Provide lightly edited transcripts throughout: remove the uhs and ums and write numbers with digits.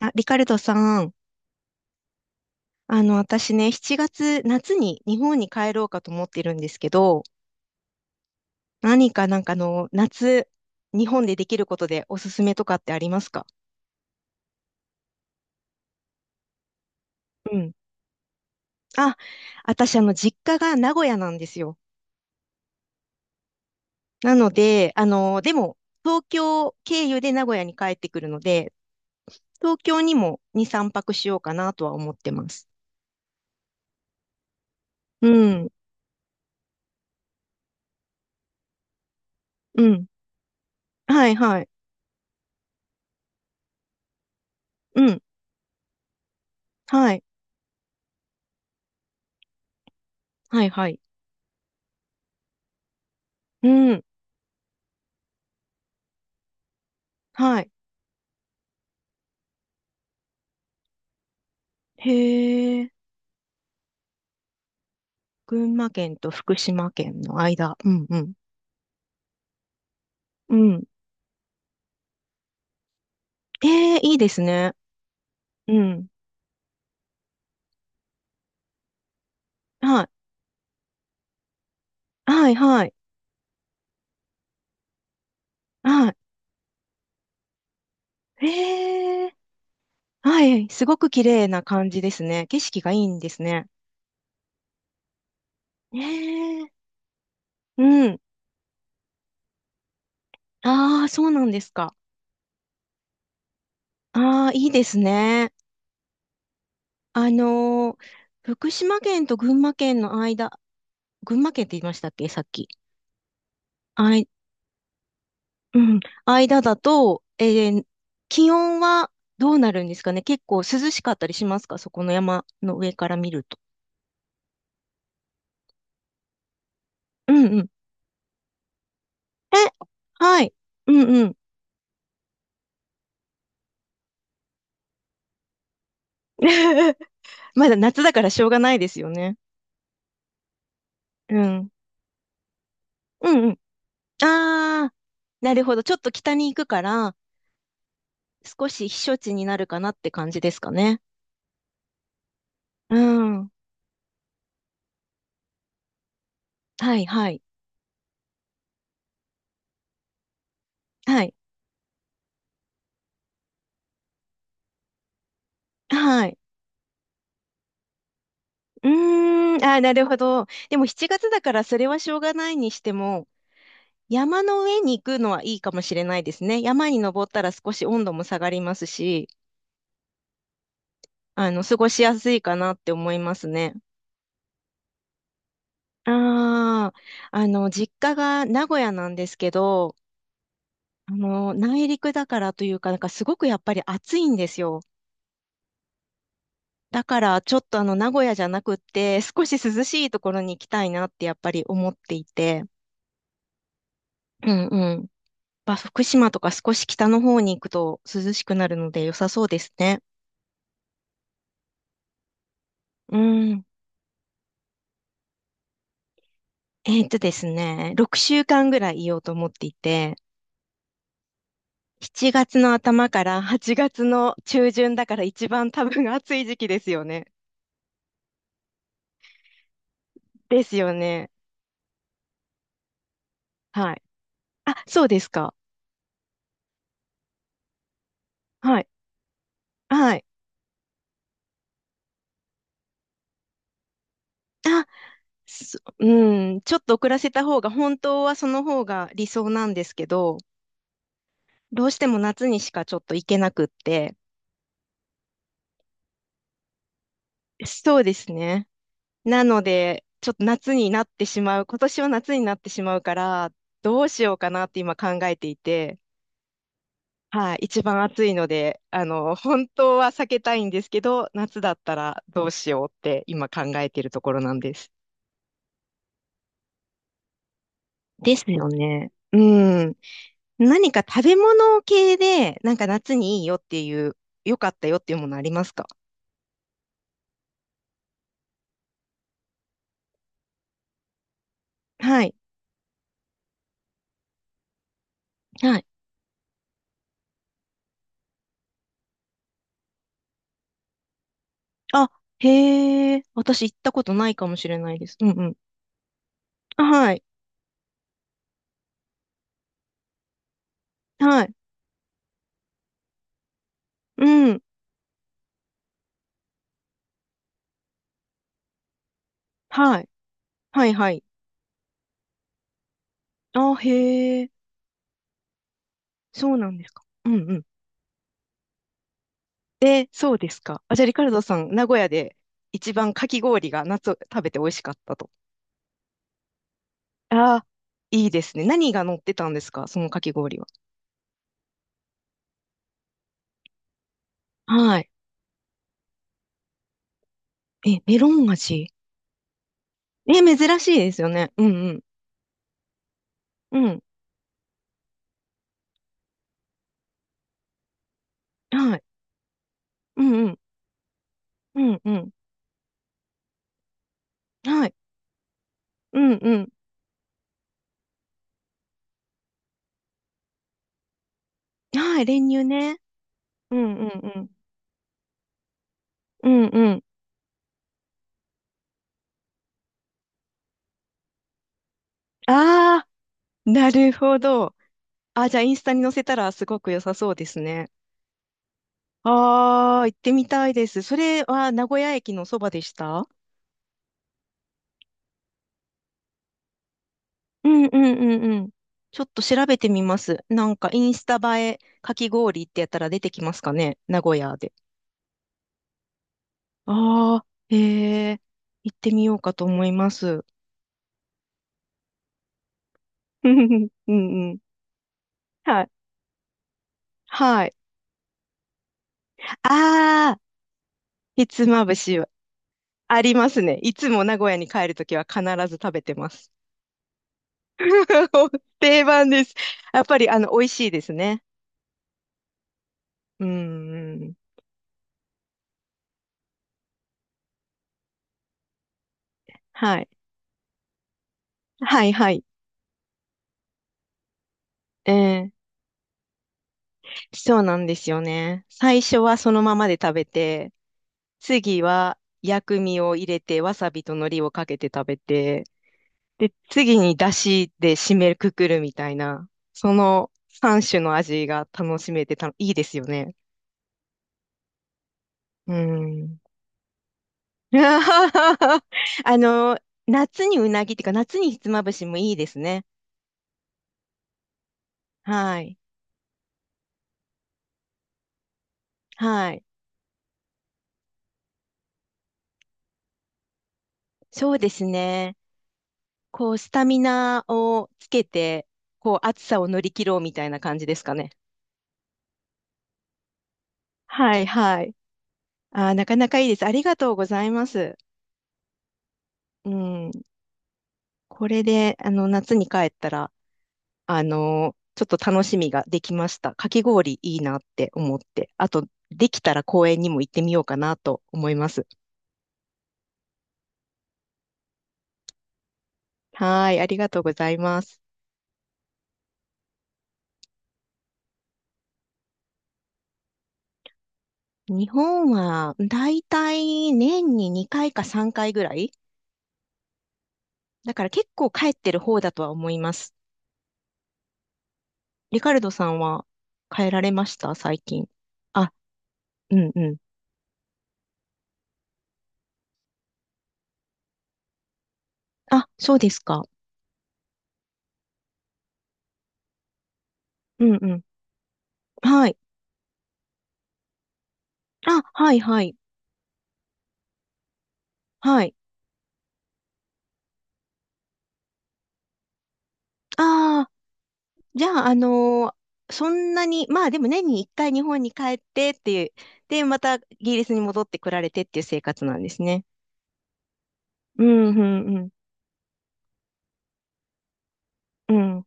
あ、リカルドさん、私ね、7月、夏に日本に帰ろうかと思ってるんですけど、何かなんかあの、夏、日本でできることでおすすめとかってありますか？うん。あ、私実家が名古屋なんですよ。なので、あの、でも、東京経由で名古屋に帰ってくるので、東京にも2、3泊しようかなとは思ってます。うん、うん。はい、はい。うん、はい、はい、はい。うん、はい。へ、群馬県と福島県の間。うんうん。うん。ええ、いいですね。うん。はい。はい、はい。はい。ええ、はい。すごく綺麗な感じですね。景色がいいんですね。ええ、うん。ああ、そうなんですか。ああ、いいですね。あのー福島県と群馬県の間、群馬県って言いましたっけ、さっき。あ、うん、間だと、気温はどうなるんですかね？結構涼しかったりしますか、そこの山の上から見ると？うんうん。え、はい。うんうん。まだ夏だからしょうがないですよね。うん。うんうん。ああ、なるほど。ちょっと北に行くから、少し避暑地になるかなって感じですかね。うん。はいはい。はい。はい。うーん。ああ、なるほど。でも7月だからそれはしょうがないにしても、山の上に行くのはいいかもしれないですね。山に登ったら少し温度も下がりますし、過ごしやすいかなって思いますね。ああ、あの、実家が名古屋なんですけど、あの、内陸だからというか、なんかすごくやっぱり暑いんですよ。だから、ちょっとあの、名古屋じゃなくって、少し涼しいところに行きたいなってやっぱり思っていて、うんうん。まあ、福島とか少し北の方に行くと涼しくなるので良さそうですね。うん。ですね、6週間ぐらいいようと思っていて、7月の頭から8月の中旬だから一番多分暑い時期ですよね。ですよね。はい。あ、そうですか。はい。はい。あ、そうん、ちょっと遅らせた方が、本当はその方が理想なんですけど、どうしても夏にしかちょっと行けなくって、そうですね。なので、ちょっと夏になってしまう、今年は夏になってしまうから、どうしようかなって今考えていて、はい、一番暑いので、あの、本当は避けたいんですけど、夏だったらどうしようって今考えてるところなんです。ですよね。うん。何か食べ物系で、なんか夏にいいよっていう、良かったよっていうものありますか？はい。はい。あ、へえ。私行ったことないかもしれないです。うんうん。あ、はい。はい。うん。はい。はいはい。あ、へえ。そうなんですか。うん。え、そうですか。あ、じゃあ、リカルドさん、名古屋で一番かき氷が夏食べて美味しかったと。ああ、いいですね。何が乗ってたんですか、そのかき氷は？はい。え、メロン味。え、珍しいですよね。うんうん。うん。はい。うんうん。うんうん。はい。うんうん。はい。練乳ね。うんうんうん。うんうん。ああ、なるほど。あ、じゃあ、インスタに載せたらすごく良さそうですね。ああ、行ってみたいです。それは名古屋駅のそばでした？うんうんうんうん。ちょっと調べてみます。なんかインスタ映えかき氷ってやったら出てきますかね、名古屋で？ああ、へえ、行ってみようかと思います。うんうん。はい。はい。ああ、ひつまぶしは？ありますね。いつも名古屋に帰るときは必ず食べてます。定番です。やっぱり美味しいですね。うんうん。はい。はいはい。えーそうなんですよね。最初はそのままで食べて、次は薬味を入れて、わさびと海苔をかけて食べて、で、次に出汁で締めくくるみたいな、その3種の味が楽しめてた、いいですよね。うん。あの、夏にうなぎっていうか、夏にひつまぶしもいいですね。はい。はい。そうですね。こう、スタミナをつけて、こう、暑さを乗り切ろうみたいな感じですかね。はいはい。あー、なかなかいいです。ありがとうございます。うん。これで、あの、夏に帰ったら、あの、ちょっと楽しみができました。かき氷いいなって思って。あと、できたら公園にも行ってみようかなと思います。はい、ありがとうございます。日本は、だいたい年に2回か3回ぐらいだから結構帰ってる方だとは思います。リカルドさんは帰られました最近？あ、うんうん。あ、そうですか。うんうん、はい。あ、はい、はい、はい。ああ、じゃあ、そんなに、まあでも年に一回日本に帰ってっていう、で、またイギリスに戻ってこられてっていう生活なんですね。うん、うん、うん、うん。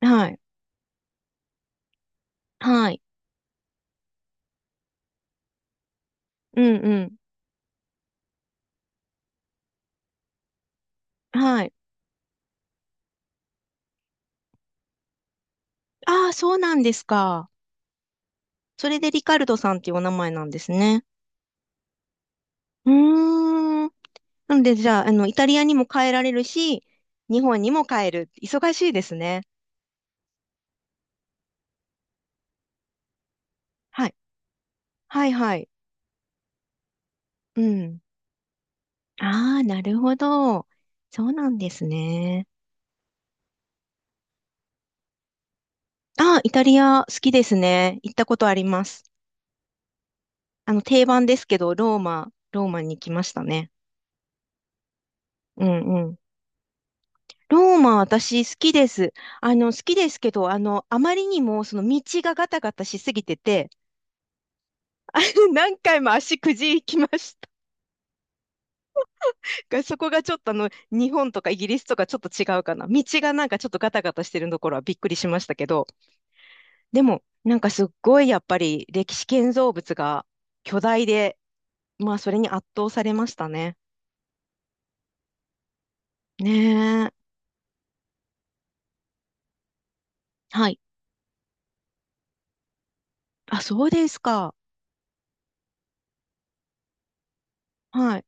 はい、はい、うん、うん、はい。ああ、そうなんですか。それでリカルドさんっていうお名前なんですね。うーん。なので、じゃあ、あの、イタリアにも帰られるし、日本にも帰る。忙しいですね。はい、はい、はい。うん。ああ、なるほど。そうなんですね。ああ、イタリア好きですね。行ったことあります。定番ですけど、ローマ、ローマに来ましたね。うんうん。ローマ、私好きです。あの、好きですけど、あの、あまりにも、その道がガタガタしすぎてて、何回も足くじきました。そこがちょっとあの、日本とかイギリスとかちょっと違うかな。道がなんかちょっとガタガタしてるところはびっくりしましたけど、でも、なんかすっごいやっぱり歴史建造物が巨大で、まあそれに圧倒されましたね。ねえ。はい。あ、そうですか。はい。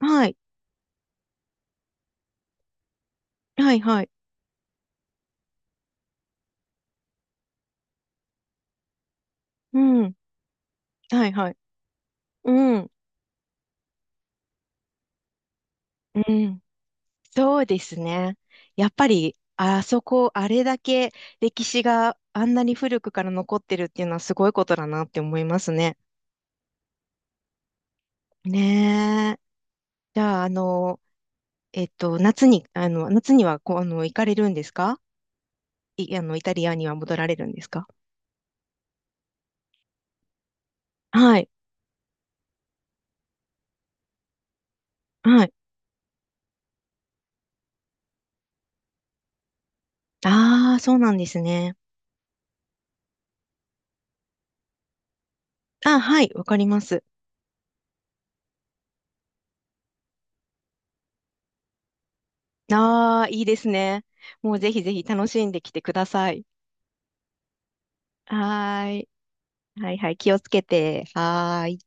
はい。はい、はい。うん。はい、はい。うん。うん。そうですね。やっぱり、あそこ、あれだけ歴史があんなに古くから残ってるっていうのはすごいことだなって思いますね。ねえ。じゃあ、あの、えっと、夏に、あの、夏にはこう、あの、行かれるんですか？い、あの、イタリアには戻られるんですか？はい。はい。ああ、そうなんですね。あ、はい。わかります。ああ、いいですね。もうぜひぜひ楽しんできてください。はーい。はいはい。気をつけて。はーい。